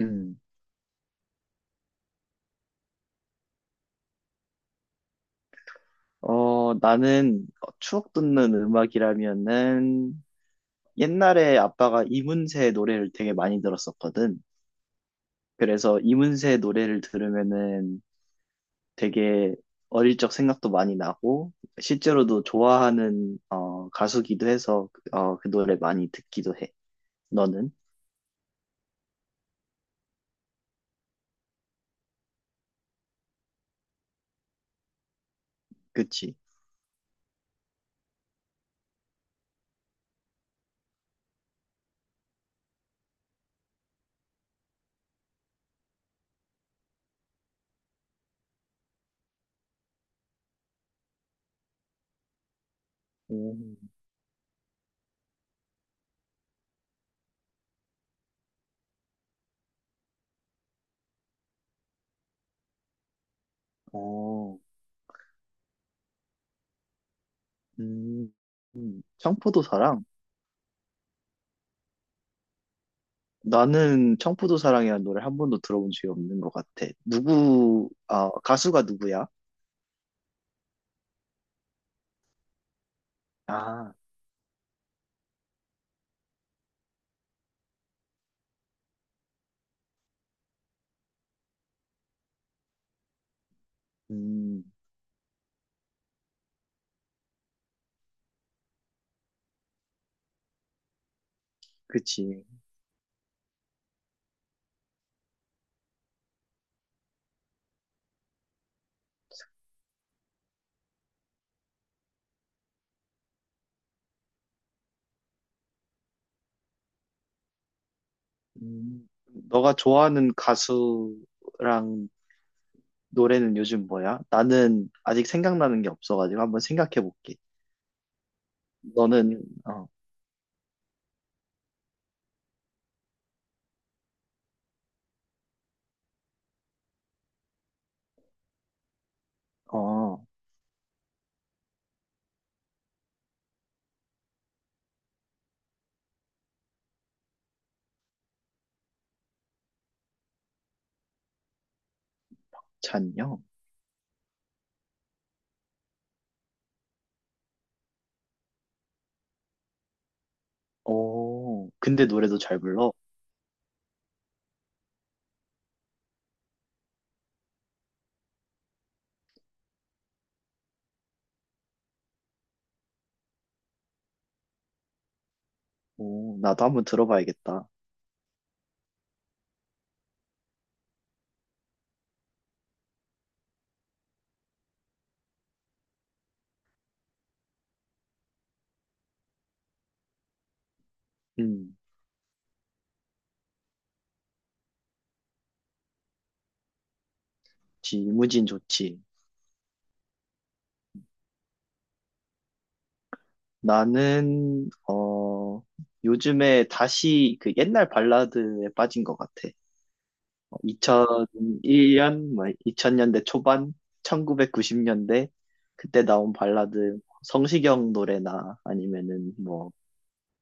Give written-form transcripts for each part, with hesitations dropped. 음. 나는 추억 돋는 음악이라면은 옛날에 아빠가 이문세 노래를 되게 많이 들었었거든. 그래서 이문세 노래를 들으면은 되게 어릴 적 생각도 많이 나고 실제로도 좋아하는 가수기도 해서 그 노래 많이 듣기도 해. 너는? 그치? 음. 어, 음, 청포도사랑? 나는 청포도 사랑이라는 노래 한 번도 들어본 적이 없는 것 같아. 누구, 아, 가수가 누구야? 아, 음, 그치. 음, 너가 좋아하는 가수랑 노래는 요즘 뭐야? 나는 아직 생각나는 게 없어가지고 한번 생각해 볼게. 너는, 어, 어, 잔요? 오, 근데 노래도 잘 불러? 오, 나도 한번 들어봐야겠다. 음, 지무진 이 좋지. 나는, 어, 요즘에 다시 그 옛날 발라드에 빠진 것 같아. 2001년, 2000년대 초반, 1990년대, 그때 나온 발라드, 성시경 노래나 아니면은 뭐,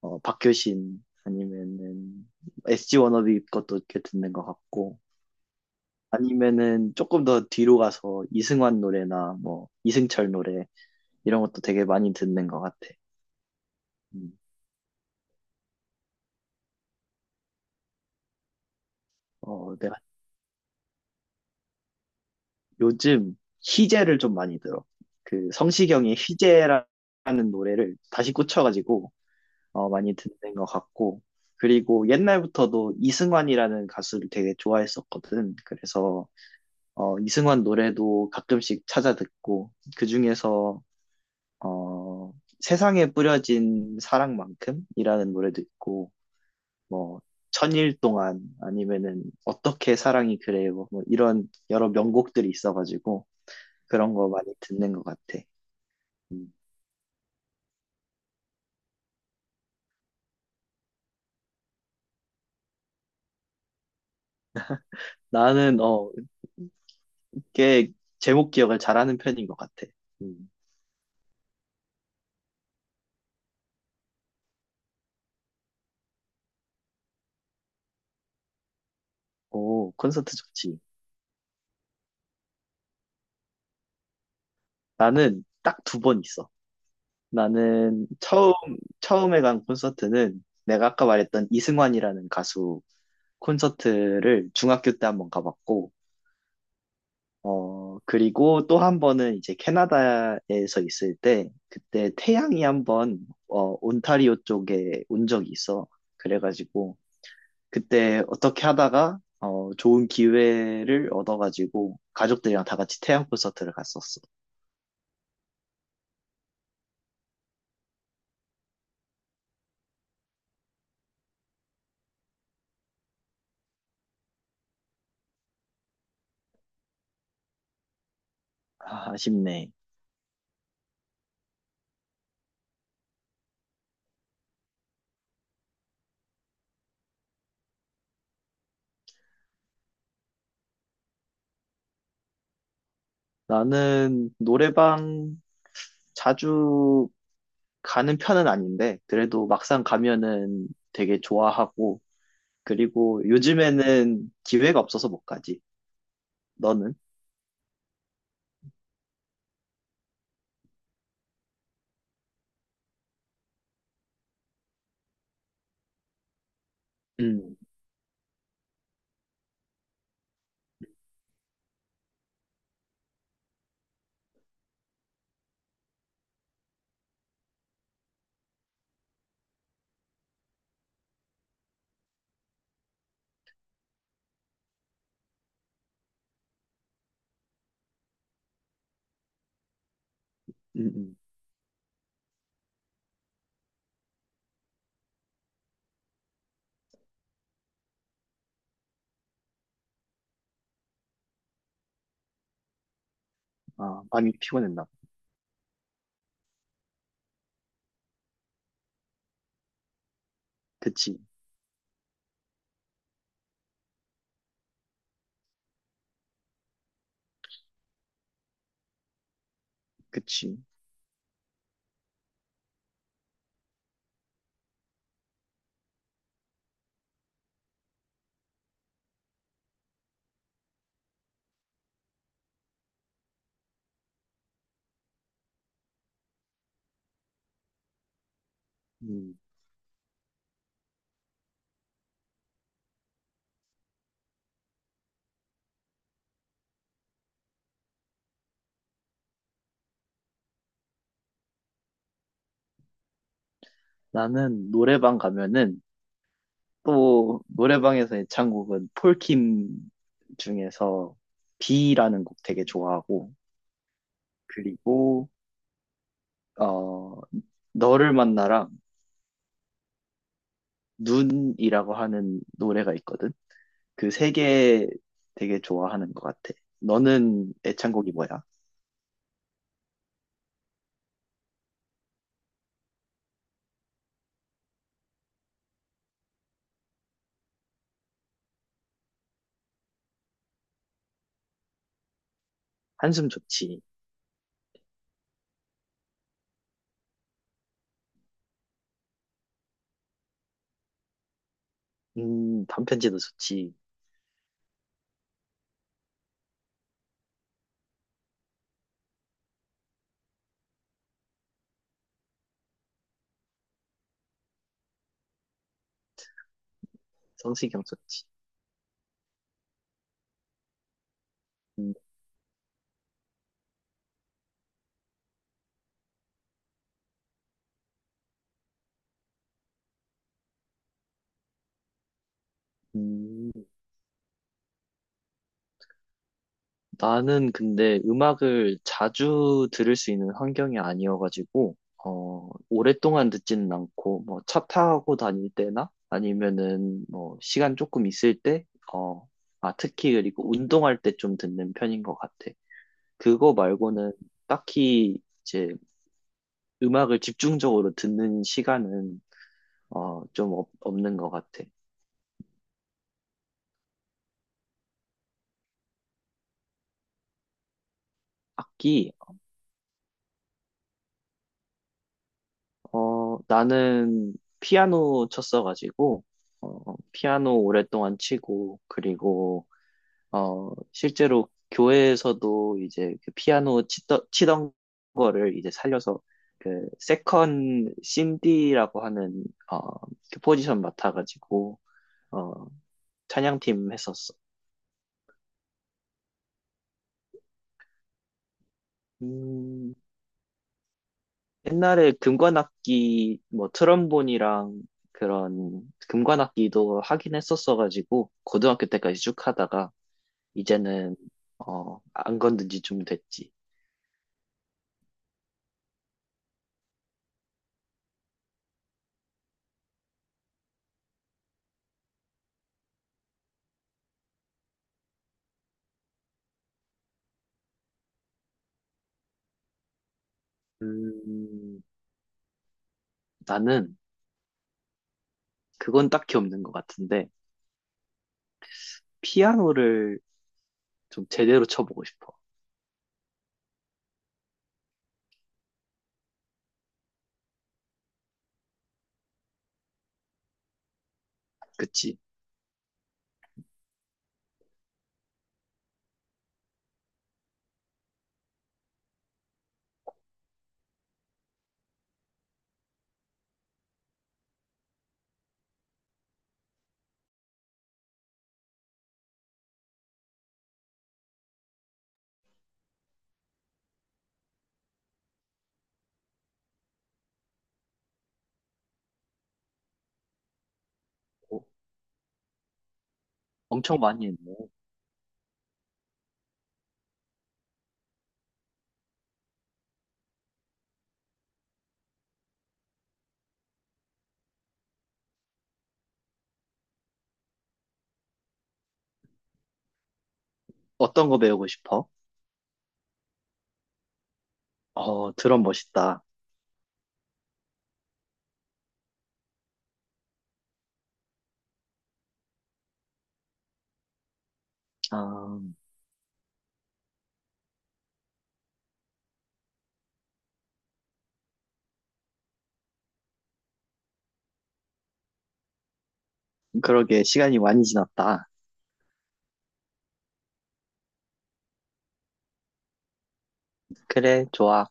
어, 박효신, 아니면은 SG 워너비 것도 이렇게 듣는 것 같고, 아니면은 조금 더 뒤로 가서 이승환 노래나 뭐, 이승철 노래, 이런 것도 되게 많이 듣는 것 같아. 음. 어, 내가 요즘 희재를 좀 많이 들어. 그 성시경의 희재라는 노래를 다시 꽂혀가지고 많이 듣는 것 같고. 그리고 옛날부터도 이승환이라는 가수를 되게 좋아했었거든. 그래서 이승환 노래도 가끔씩 찾아 듣고 그중에서 어, 세상에 뿌려진 사랑만큼이라는 노래도 있고 뭐 천일 동안 아니면은 어떻게 사랑이 그래요 뭐 이런 여러 명곡들이 있어가지고 그런 거 많이 듣는 것 같아. 음. 나는, 어, 꽤 제목 기억을 잘하는 편인 것 같아. 음. 오, 콘서트 좋지. 나는 딱 두 번 있어. 나는 처음, 처음에 간 콘서트는 내가 아까 말했던 이승환이라는 가수 콘서트를 중학교 때 한번 가봤고, 그리고 또 한 번은 이제 캐나다에서 있을 때, 그때 태양이 한 번, 온타리오 쪽에 온 적이 있어. 그래가지고, 그때 어떻게 하다가 좋은 기회를 얻어가지고 가족들이랑 다 같이 태양 콘서트를 갔었어. 아, 아쉽네. 나는 노래방 자주 가는 편은 아닌데 그래도 막상 가면은 되게 좋아하고 그리고 요즘에는 기회가 없어서 못 가지. 너는? 음, 음, 음. 아, 많이 피곤했나 봐. 그치, 그치. 음. 나는 노래방 가면은 또 노래방에서 애창곡은 폴킴 중에서 비라는 곡 되게 좋아하고 그리고 어 너를 만나랑 눈이라고 하는 노래가 있거든. 그 세 개 되게 좋아하는 것 같아. 너는 애창곡이 뭐야? 한숨 좋지. 단편지도 좋지. 성시경 좋지. 음, 음. 나는 근데 음악을 자주 들을 수 있는 환경이 아니어가지고, 오랫동안 듣지는 않고, 뭐, 차 타고 다닐 때나, 아니면은, 뭐, 시간 조금 있을 때, 어, 특히 그리고 운동할 때 좀 듣는 편인 것 같아. 그거 말고는 딱히 이제 음악을 집중적으로 듣는 시간은, 없는 것 같아. 악기, 나는 피아노 쳤어가지고, 피아노 오랫동안 치고, 그리고, 실제로 교회에서도 이제 그 치던 거를 이제 살려서 그 세컨 신디라고 하는, 어, 그 포지션 맡아가지고, 어, 찬양팀 했었어. 음, 옛날에 금관악기, 뭐 트럼본이랑 그런 금관악기도 하긴 했었어가지고, 고등학교 때까지 쭉 하다가, 이제는 안 건든 지 좀 됐지. 음, 나는 그건 딱히 없는 것 같은데 피아노를 좀 제대로 쳐보고 싶어. 그치? 오, 엄청 많이 했네. 어떤 거 배우고 싶어? 어, 드럼 멋있다. 아, 그러게 시간이 많이 지났다. 그래, 좋아.